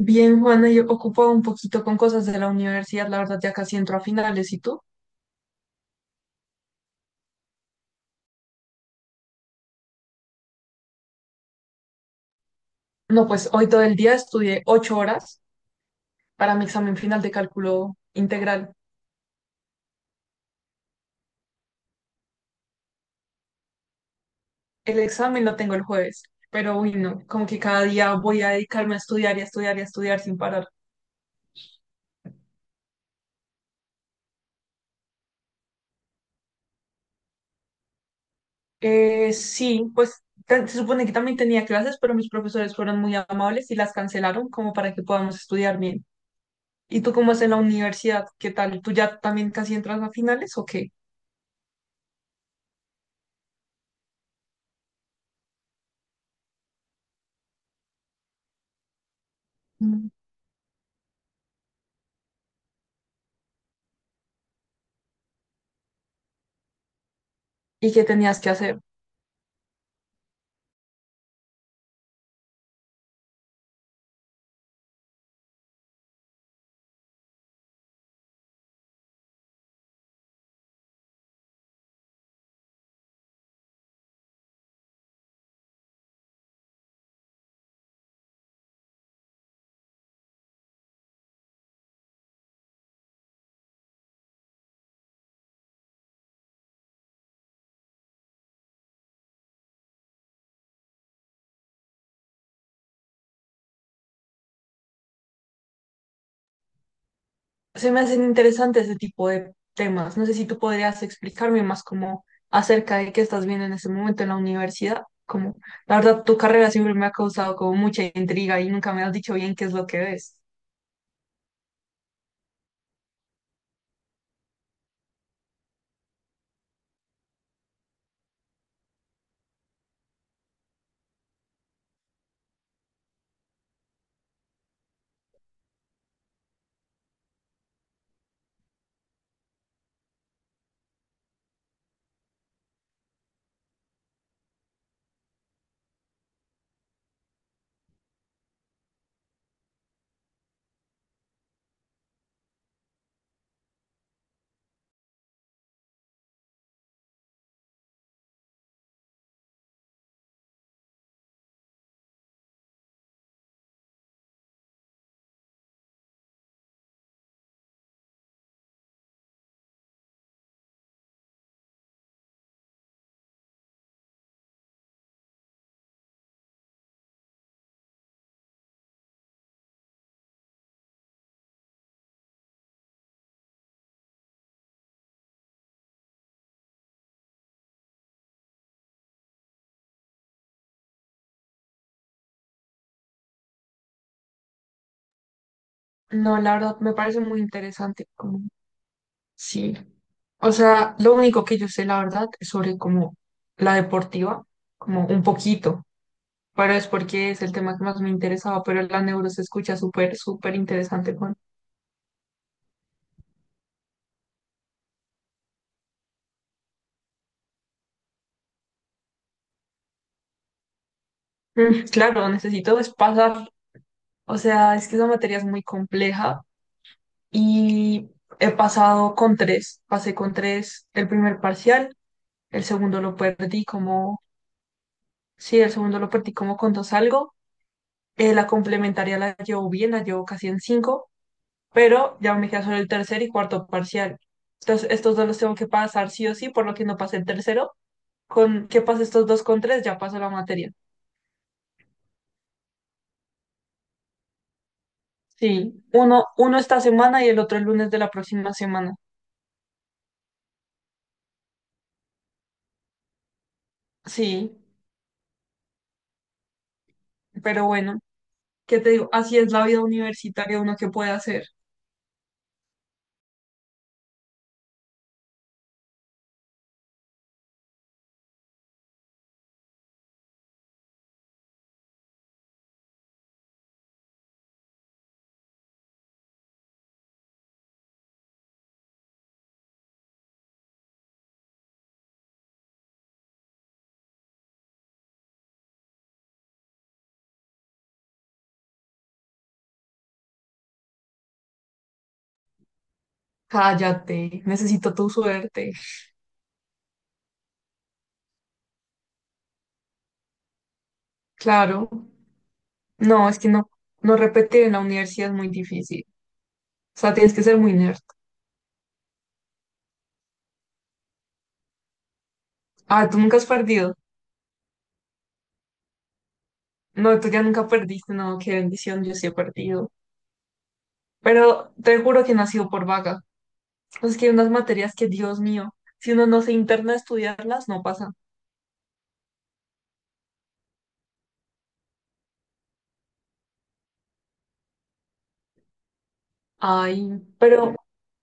Bien, Juana, yo ocupado un poquito con cosas de la universidad, la verdad ya casi entro a finales, ¿y tú? No, pues hoy todo el día estudié 8 horas para mi examen final de cálculo integral. El examen lo tengo el jueves, pero uy, no, como que cada día voy a dedicarme a estudiar y a estudiar y a estudiar sin parar. Sí, pues se supone que también tenía clases, pero mis profesores fueron muy amables y las cancelaron como para que podamos estudiar bien. ¿Y tú cómo es en la universidad? ¿Qué tal? ¿Tú ya también casi entras a finales o qué? Mm. ¿Y qué tenías que hacer? Se me hacen interesantes ese tipo de temas. No sé si tú podrías explicarme más como acerca de qué estás viendo en ese momento en la universidad. Como, la verdad, tu carrera siempre me ha causado como mucha intriga y nunca me has dicho bien qué es lo que ves. No, la verdad, me parece muy interesante, como, sí. O sea, lo único que yo sé, la verdad, es sobre como la deportiva, como un poquito, pero es porque es el tema que más me interesaba, pero la neuro se escucha súper, súper interesante, Juan. Mm, claro, necesito es pasar. O sea, es que esa materia es muy compleja y he pasado con tres. Pasé con tres el primer parcial, el segundo lo perdí como, sí, el segundo lo perdí como con dos algo. La complementaria la llevo bien, la llevo casi en cinco, pero ya me queda solo el tercer y cuarto parcial. Entonces, estos dos los tengo que pasar sí o sí, por lo que no pasé el tercero. Con que pase estos dos con tres, ya paso la materia. Sí, uno esta semana y el otro el lunes de la próxima semana. Sí, pero bueno. ¿Qué te digo? Así es la vida universitaria, uno que puede hacer. Cállate, necesito tu suerte. Claro. No, es que no, no repetir en la universidad es muy difícil. O sea, tienes que ser muy nerd. Ah, tú nunca has perdido. No, tú ya nunca perdiste, no, qué bendición, yo sí he perdido. Pero te juro que no ha sido por vaga. Es que hay unas materias que, Dios mío, si uno no se interna a estudiarlas, no pasa. Ay, pero,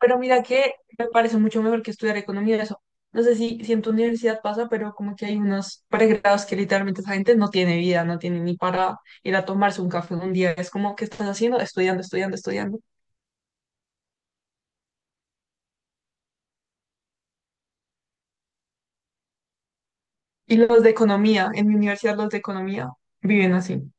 pero mira que me parece mucho mejor que estudiar economía eso. No sé si en tu universidad pasa, pero como que hay unos pregrados que literalmente esa gente no tiene vida, no tiene ni para ir a tomarse un café un día. Es como, ¿qué estás haciendo? Estudiando, estudiando, estudiando. Y los de economía, en mi universidad los de economía viven así.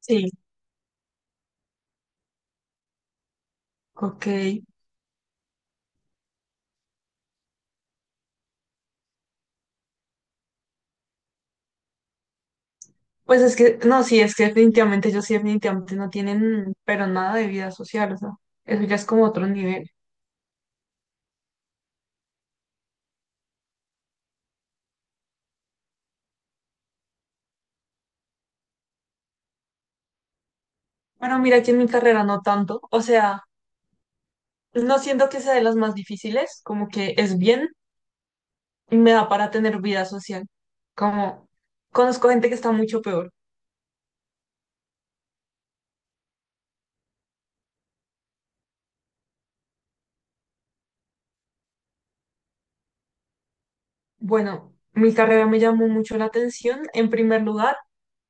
Sí, ok. Pues es que, no, sí, es que definitivamente ellos sí definitivamente no tienen, pero nada de vida social, o sea, eso ya es como otro nivel. Bueno, mira que en mi carrera no tanto, o sea... No siento que sea de las más difíciles, como que es bien y me da para tener vida social. Como conozco gente que está mucho peor. Bueno, mi carrera me llamó mucho la atención, en primer lugar,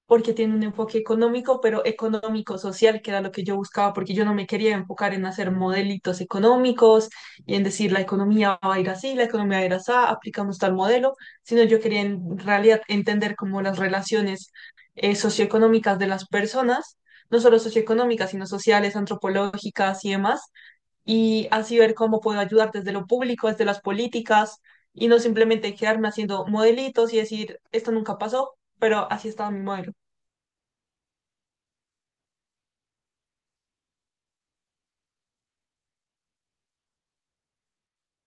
porque tiene un enfoque económico, pero económico-social, que era lo que yo buscaba, porque yo no me quería enfocar en hacer modelitos económicos y en decir la economía va a ir así, la economía va a ir así, aplicamos tal modelo, sino yo quería en realidad entender cómo las relaciones socioeconómicas de las personas, no solo socioeconómicas, sino sociales, antropológicas y demás, y así ver cómo puedo ayudar desde lo público, desde las políticas. Y no simplemente quedarme haciendo modelitos y decir, esto nunca pasó, pero así estaba mi modelo.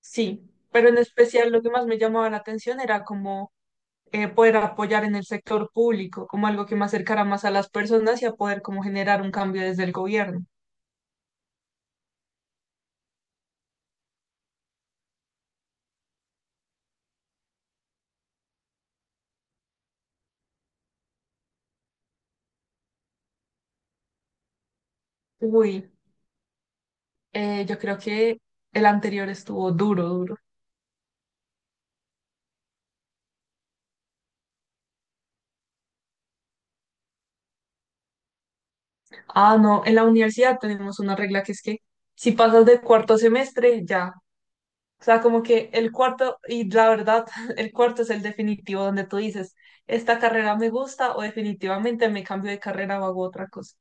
Sí, pero en especial lo que más me llamaba la atención era como poder apoyar en el sector público, como algo que me acercara más a las personas y a poder como generar un cambio desde el gobierno. Uy, yo creo que el anterior estuvo duro, duro. Ah, no, en la universidad tenemos una regla que es que si pasas de cuarto semestre, ya. O sea, como que el cuarto, y la verdad, el cuarto es el definitivo donde tú dices, esta carrera me gusta o definitivamente me cambio de carrera o hago otra cosa.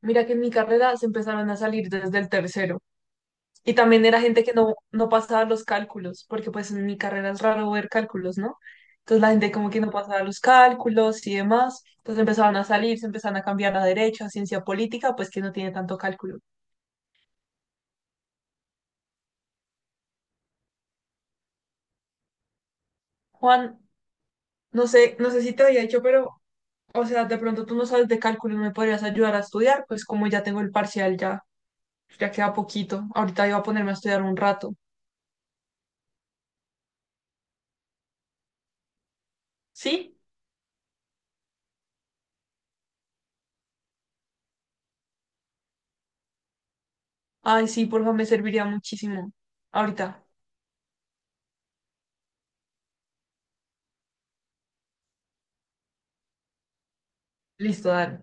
Mira que en mi carrera se empezaron a salir desde el tercero. Y también era gente que no pasaba los cálculos, porque pues en mi carrera es raro ver cálculos, ¿no? Entonces la gente como que no pasaba los cálculos y demás. Entonces empezaban a salir, se empezaban a cambiar a derecho, a ciencia política, pues que no tiene tanto cálculo. Juan, no sé si te había dicho, pero, o sea, de pronto tú no sabes de cálculo y me podrías ayudar a estudiar, pues como ya tengo el parcial, ya, ya queda poquito. Ahorita iba a ponerme a estudiar un rato. ¿Sí? Ay, sí, porfa, me serviría muchísimo. Ahorita. Listo, dale.